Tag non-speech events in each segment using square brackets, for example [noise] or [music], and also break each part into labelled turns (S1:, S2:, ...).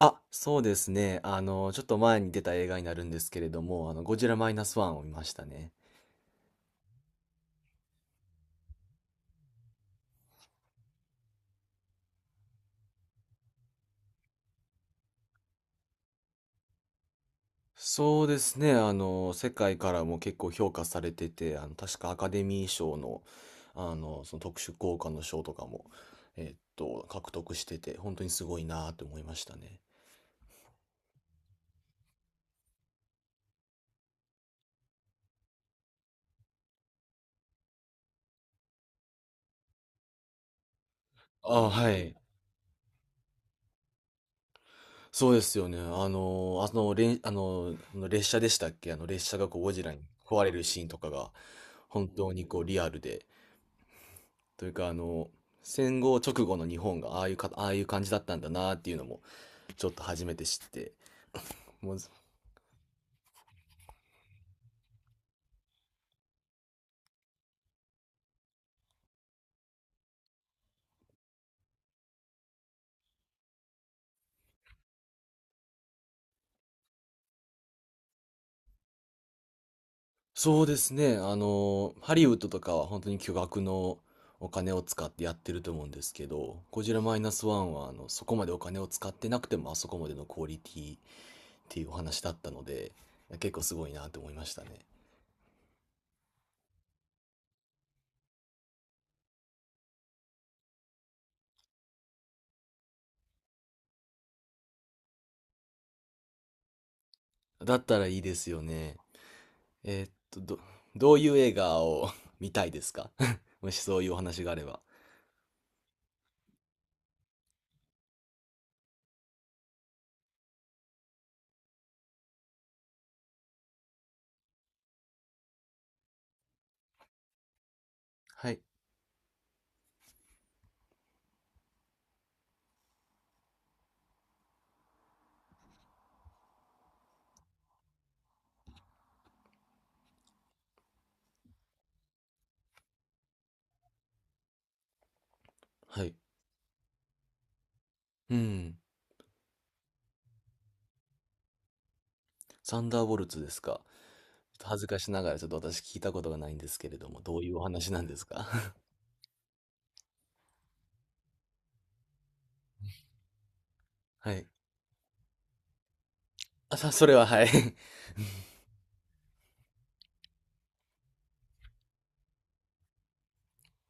S1: あ、そうですね。ちょっと前に出た映画になるんですけれども、ゴジラマイナスワンを見ましたね。そうですね。世界からも結構評価されてて、確かアカデミー賞の、その特殊効果の賞とかも、獲得してて、本当にすごいなと思いましたね。あ、はい。そうですよね。あの、あの、れん、あの、あの列車でしたっけ、列車がこう、ゴジラに壊れるシーンとかが、本当にこう、リアルで、というか、戦後直後の日本がああいうか、ああいう感じだったんだなっていうのも、ちょっと初めて知って。もう、そうですね、ハリウッドとかは本当に巨額のお金を使ってやってると思うんですけど、ゴジラマイナスワンは、そこまでお金を使ってなくてもあそこまでのクオリティっていうお話だったので、結構すごいなと思いましたね。だったらいいですよね。えーっと、ど、どういう映画を [laughs] 見たいですか？ [laughs] もしそういうお話があれば。はい。はい。うん。サンダーボルツですか。ちょっと恥ずかしながらちょっと私聞いたことがないんですけれども、どういうお話なんですか？ [laughs] はい。それははい。[laughs]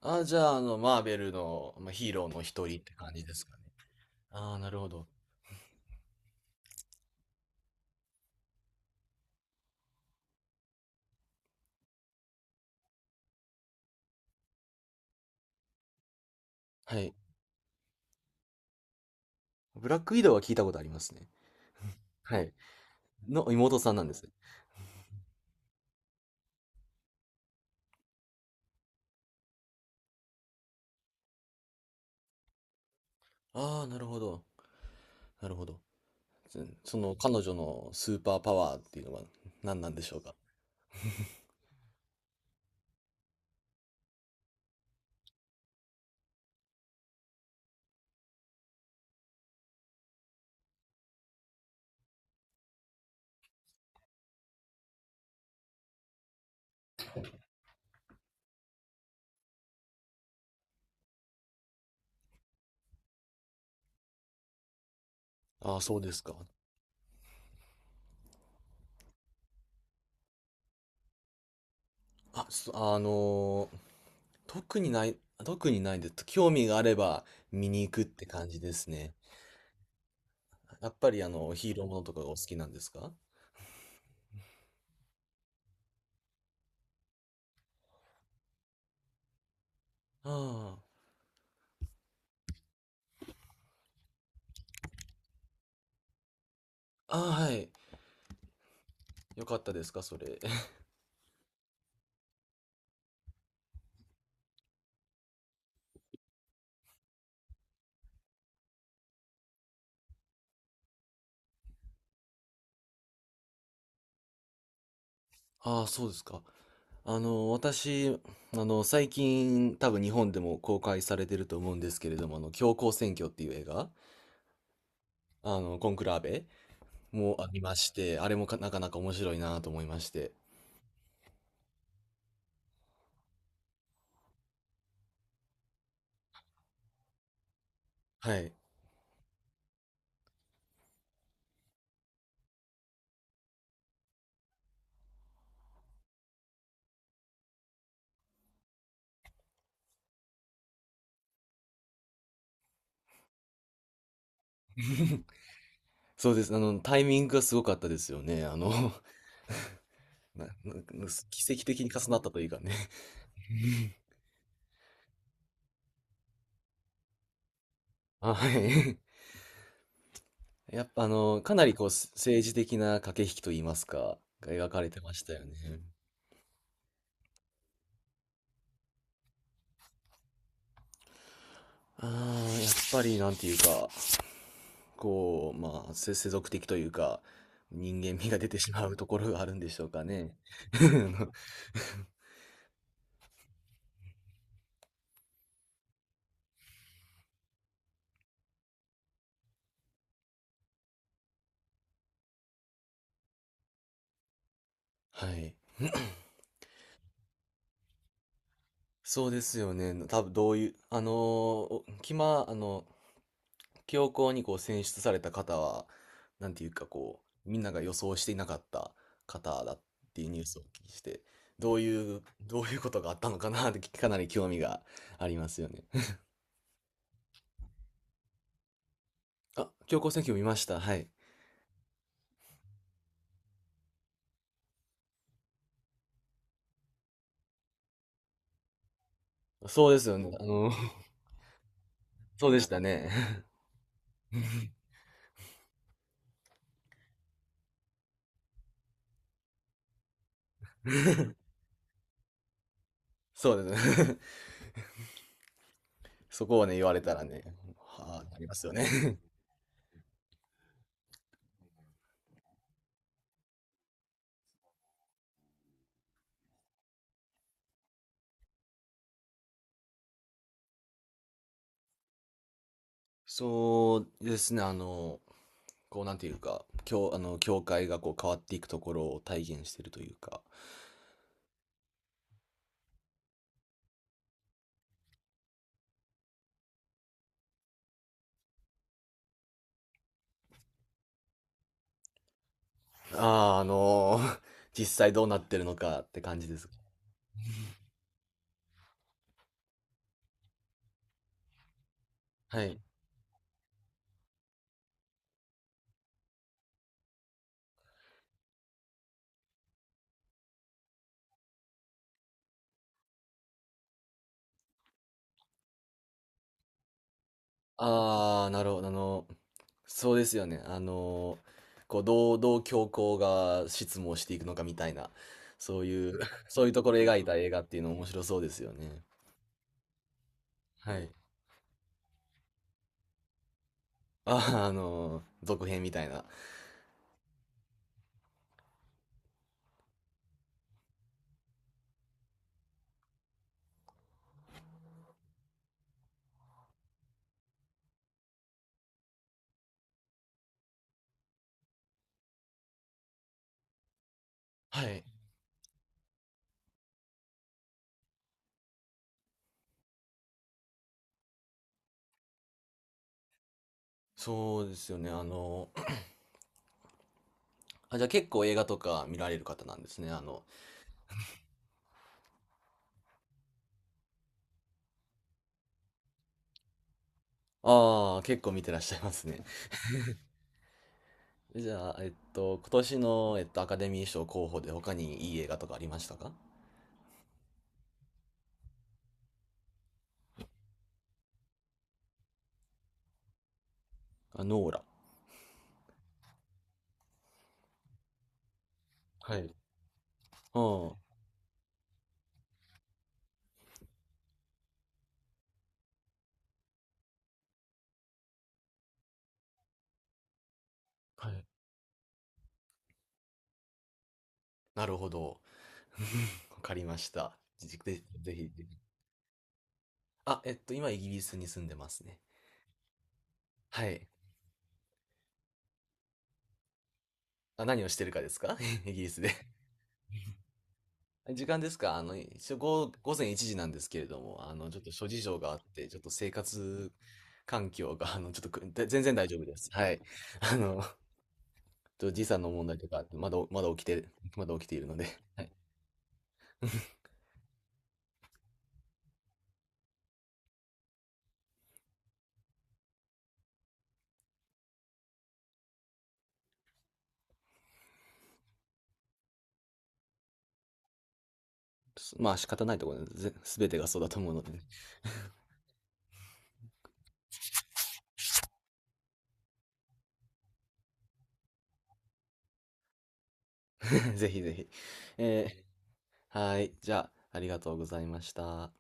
S1: あ、じゃあ、マーベルの、まあ、ヒーローの一人って感じですかね。ああ、なるほど。はい。ブラックウィドウは聞いたことありますね。はい。の妹さんなんですね。ああ、なるほど。なるほど。その彼女のスーパーパワーっていうのは何なんでしょうか。ああ、そうですか。あ、そあのー特にない、特にないです。興味があれば見に行くって感じですね。やっぱりあの、ヒーローものとかがお好きなんですか？ああ、ああ、はい。よかったですか、それ。[laughs] ああ、そうですか。あの、私、最近、多分日本でも公開されてると思うんですけれども、教皇選挙っていう映画、コンクラーベもありまして、あれもかなか面白いなと思いまして。はい。そうです。タイミングがすごかったですよね。な [laughs] なな奇跡的に重なったというかね。[laughs] あ、はい。[laughs] やっぱあの、かなりこう、政治的な駆け引きといいますか、が描かれてましたよね。ああ、やっぱりなんていうか、こう、まあ、世俗的というか、人間味が出てしまうところがあるんでしょうかね。[laughs] あの、はい。そうですよね。多分どういう、あの、おキマ、あの、教皇にこう選出された方は、なんていうかこう、みんなが予想していなかった方だっていうニュースをお聞きして、どういうことがあったのかなってかなり興味がありますよね。[laughs] あ、教皇選挙見ました。はい。そうですよね。あの、[laughs] そうでしたね。[laughs] そうですね。[laughs] そこをね、言われたらね、はあ、ありますよね。[laughs] そうですね、こうなんていうか、教、あの、教会がこう変わっていくところを体現しているというか、ああ、あの、[laughs] 実際どうなってるのかって感じです。はい。ああ、なるほど。あの、そうですよね。こう、どう教皇が執務をしていくのかみたいな、そういう、[laughs] そういうところを描いた映画っていうの面白そうですよね。はい。ああ、あの、続編みたいな。はい。そうですよね。あの、[clears throat] あ、じゃあ結構映画とか見られる方なんですね。あの、ああ、結構見てらっしゃいますね。じゃあ、今年の、アカデミー賞候補で他にいい映画とかありましたか？あ、ノーラ。はい。うん。はい。なるほど。[laughs] わかりました。ぜひ。あ、えっと、今イギリスに住んでますね。はい。あ、何をしてるかですか？ [laughs] イギリスで。時間ですか？あの、一応午、午前1時なんですけれども、ちょっと諸事情があって、ちょっと生活環境が、あの、ちょっとく、で全然大丈夫です。はい。あの、と時差の問題とか、まだ起きて、まだ起きているので、はい。まあ仕方ないところで、全てがそうだと思うので、[laughs] ぜひぜひ。えー、はい。じゃあ、ありがとうございました。